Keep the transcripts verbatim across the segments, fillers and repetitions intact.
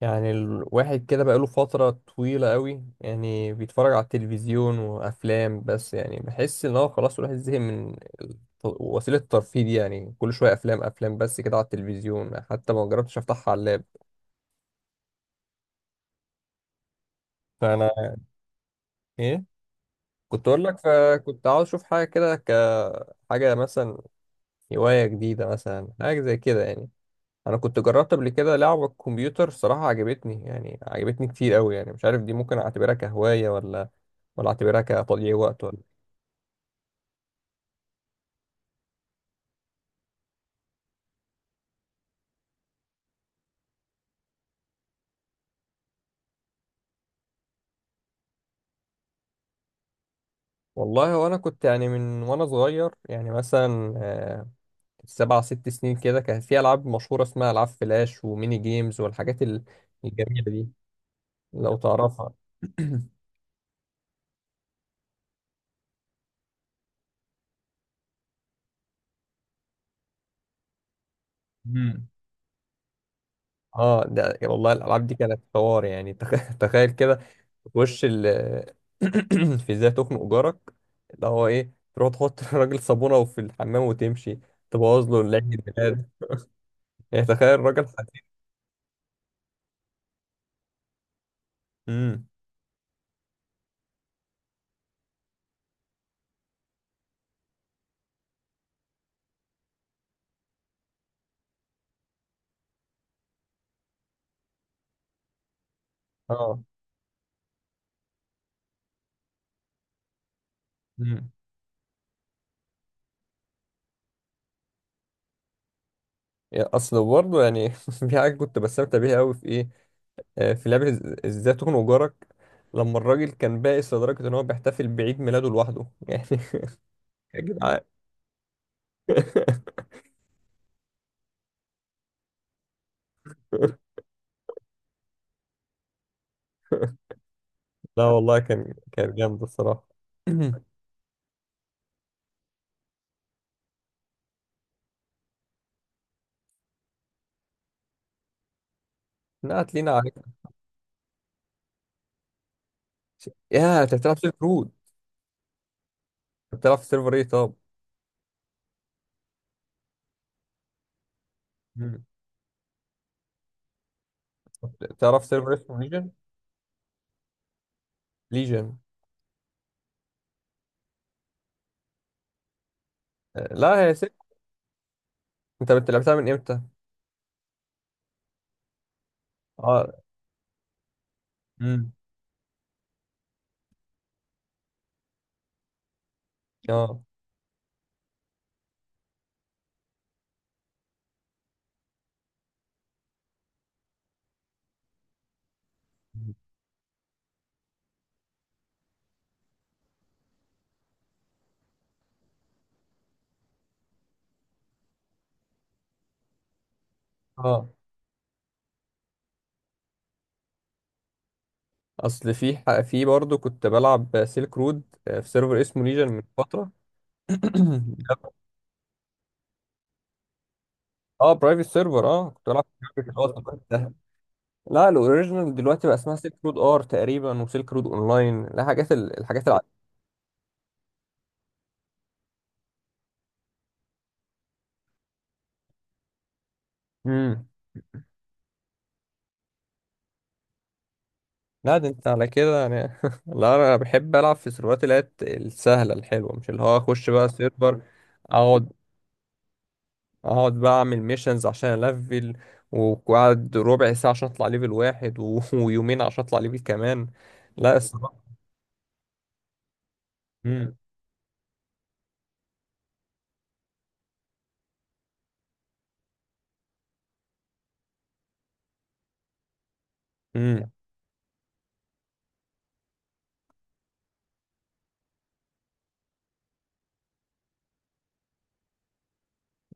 يعني الواحد كده بقاله فترة طويلة قوي يعني بيتفرج على التلفزيون وأفلام بس يعني بحس إن هو خلاص الواحد زهق من الت- وسيلة الترفيه دي، يعني كل شوية أفلام أفلام بس كده على التلفزيون، حتى ما جربتش أفتحها على اللاب. فأنا إيه كنت أقول لك، فكنت عاوز أشوف حاجة كده، كحاجة مثلا هواية جديدة، مثلا حاجة زي كده يعني. أنا كنت جربت قبل كده لعبة كمبيوتر، صراحة عجبتني، يعني عجبتني كتير قوي، يعني مش عارف دي ممكن أعتبرها كهواية ولا ولا أعتبرها كتضييع وقت ولا. والله وانا كنت يعني من وانا صغير، يعني مثلا آه، سبع ست سنين كده، كان في العاب مشهوره اسمها العاب فلاش وميني جيمز والحاجات ال- الجميله دي، لو تعرفها. مم. اه ده والله الالعاب دي كانت حوار، يعني تخ- تخيل كده. تخش ال في ازاي تخنق جارك، اللي هو ايه، تروح تحط الراجل صابونه وفي الحمام وتمشي، تبوظ له العيد الميلاد، يعني تخيل الراجل حزين. امم. اه. مم. يعني اصل برضه يعني في حاجه كنت بستمتع بيها قوي، في ايه، آه، في لعبه إز- ازاي تخنق جارك، لما الراجل كان بائس لدرجه ان هو بيحتفل بعيد ميلاده لوحده يعني. يا جدعان. لا والله كان كان جامد الصراحه. نقت لينا عليك، يا انت بتلعب سيلك رود؟ بتلعب في سيرفر ايه طب؟ مم. تعرف سيرفر اسمه ليجن؟ ليجن. لا هي سيلك. انت بت- لعبتها من امتى؟ اه. امم. اه، اه، اصل في ح- في برضه كنت بلعب سيلك رود في سيرفر اسمه ليجن من فتره. اه برايفت سيرفر، اه كنت بلعب في private خلاص وقتها. لا الاوريجينال دلوقتي بقى اسمها سيلك رود ار تقريبا، وسيلك رود اونلاين، لا حاجات ال- الحاجات الع... امم. لا ده انت على كده يعني لا انا بحب العب في السيرفرات اللي هي الت- السهله الحلوه، مش اللي هو اخش بقى سيرفر، اقعد، اقعد بقى اعمل ميشنز عشان الفل، وقعد ربع ساعة عشان اطلع ليفل واحد و... ويومين عشان اطلع ليفل كمان. لا اس... مم. مم.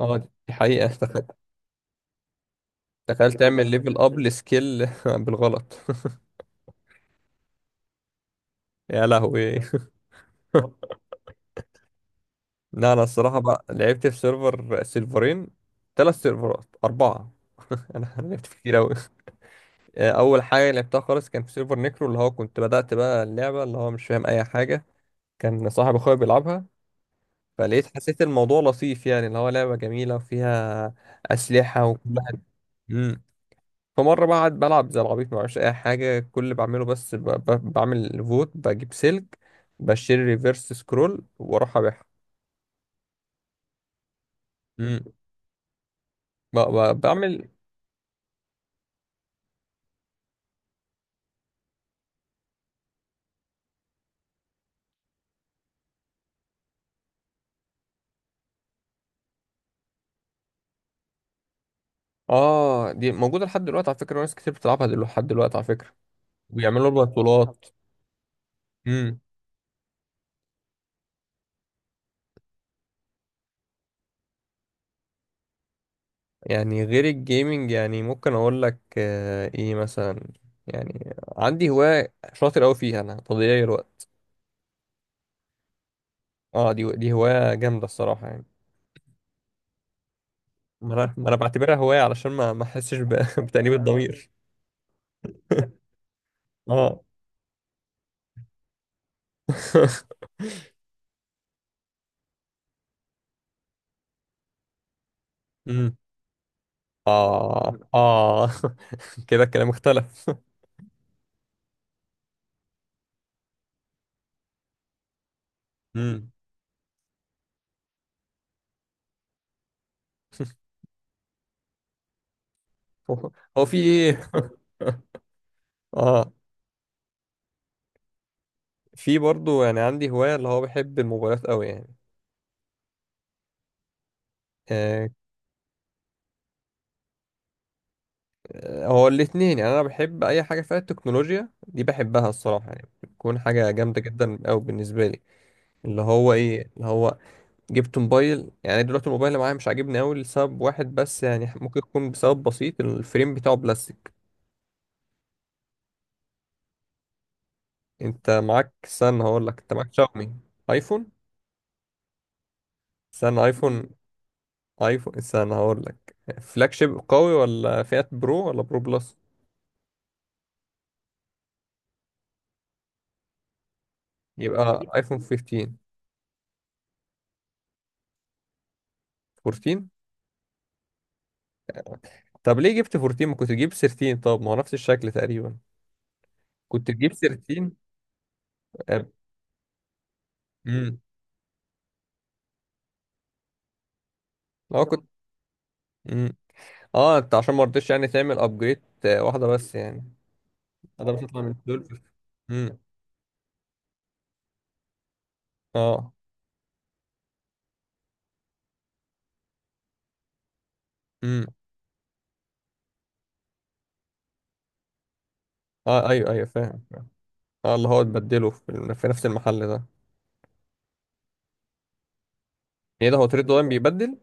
اه دي حقيقة تخ- تخيل تعمل ليفل اب لسكيل بالغلط. يا لهوي. لا انا الصراحة بقى لعبت في سيرفر، سيرفرين، ثلاث سيرفرات، اربعة انا أنا لعبت في كتير اوي. آه، اول حاجة لعبتها خالص كان في سيرفر نيكرو، اللي هو كنت بدأت بقى اللعبة اللي هو مش فاهم اي حاجة، كان صاحب اخويا بيلعبها، فلقيت حسيت الموضوع لطيف يعني، اللي هو لعبة جميلة وفيها أسلحة وكل حاجة. مم. فمرة بقعد بلعب زي العبيط معرفش أي حاجة، كل اللي بعمله بس ب... ب... بعمل فوت، بجيب سلك، بشتري ريفرس سكرول وأروح أبيعها. مم. ب... ب... بعمل. آه دي موجودة لحد دلوقتي على فكرة، ناس كتير بتلعبها دل- لحد دلوقتي على فكرة، وبيعملوا لها بطولات. مم. يعني غير الجيمنج، يعني ممكن أقول لك آه، إيه، مثلا يعني عندي هواية شاطر أوي فيها أنا، تضييع الوقت. اه دي دي هواية جامدة الصراحة يعني. ما انا ما انا بعتبرها هواية علشان ما ما احسش ب- بتأنيب الضمير. اه امم. اه، اه كده الكلام اختلف. امم هو هو في ايه؟ اه. في برضو يعني عندي هواية، اللي هو بحب الموبايلات قوي يعني. آه، آه، هو الاتنين، يعني انا بحب اي حاجة فيها التكنولوجيا دي، بحبها الصراحة يعني، بتكون حاجة جامدة جدا قوي بالنسبة لي. اللي هو ايه اللي هو جبت موبايل يعني، دلوقتي الموبايل اللي معايا مش عاجبني قوي لسبب واحد بس يعني، ممكن يكون بسبب بسيط، الفريم بتاعه بلاستيك. انت معاك، استنى هقول لك، انت معاك شاومي؟ ايفون؟ استنى ايفون. ايفون، استنى هقول لك. فلاج شيب قوي، ولا فئة برو، ولا برو بلس؟ يبقى ايفون خمستاشر، اربعتاشر. طب ليه جبت اربعتاشر، ما كنت تجيب تلتاشر؟ طب ما هو نفس الشكل تقريبا، كنت تجيب تلتاشر. امم. اه كنت. مم. اه انت عشان ما رضيتش يعني تعمل ابجريد واحده بس يعني؟ ده مش هيطلع من اتناشر. امم. اه. امم. اه ايوه ايوه، فاهم فاهم. اه اللي هو تبدله في, ال- في نفس المحل ده يعني؟ ايه ده، هو تريد وان بيبدل يعني؟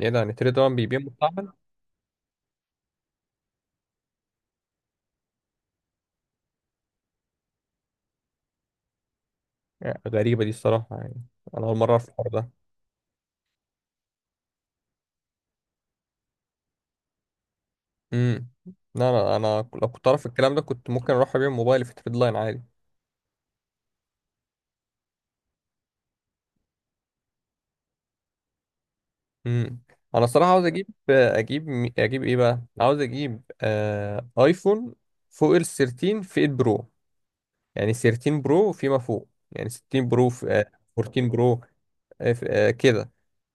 ايه ده، يعني تريد وان بيبيع مستعمل؟ آه، غريبه دي الصراحه يعني، انا اول مره اعرف الحوار ده. امم. لا انا انا لو كنت اعرف الكلام ده كنت ممكن اروح ابيع موبايلي في تريد لاين عادي. امم. انا الصراحه عاوز اجيب اجيب مي- اجيب ايه بقى، عاوز اجيب آه ايفون فوق ال تلتاشر في البرو، يعني تلتاشر برو فيما فوق، يعني ستاشر برو في آه اربعتاشر برو، آه في- آه كده.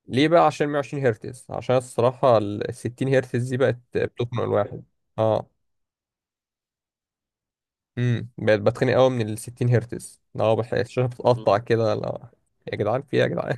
ليه بقى؟ عشان مية وعشرين هرتز، عشان الصراحة ال ستين هرتز دي بقت بتخنق الواحد. اه. امم، بقت بتخنق قوي من ال ستين هرتز، اه بح- الشاشة بتقطع كده لا. يا جدعان في إيه يا جدعان؟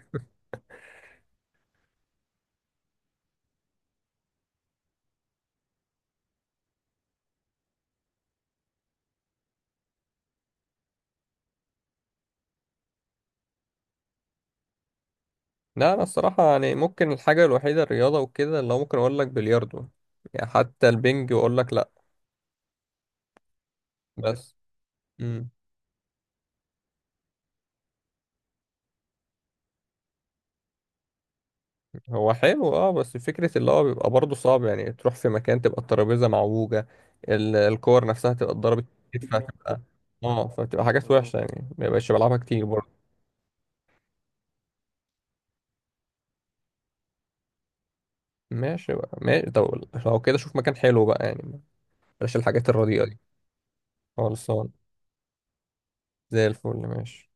لا انا الصراحة يعني ممكن الحاجة الوحيدة، الرياضة وكده، اللي هو ممكن اقول لك بلياردو، يعني حتى البنج اقول لك لا. بس. امم. هو حلو اه، بس فكرة اللي هو بيبقى برضه صعب، يعني تروح في مكان تبقى الترابيزة معوجة، ال- الكور نفسها تبقى اتضربت كتير، فتبقى، اه فتبقى حاجات وحشة، يعني ما بقاش بلعبها كتير برضه. ماشي بقى ماشي، طب لو كده شوف مكان حلو بقى يعني، بلاش الحاجات الرديئة دي. خلصان. زي الفل ماشي.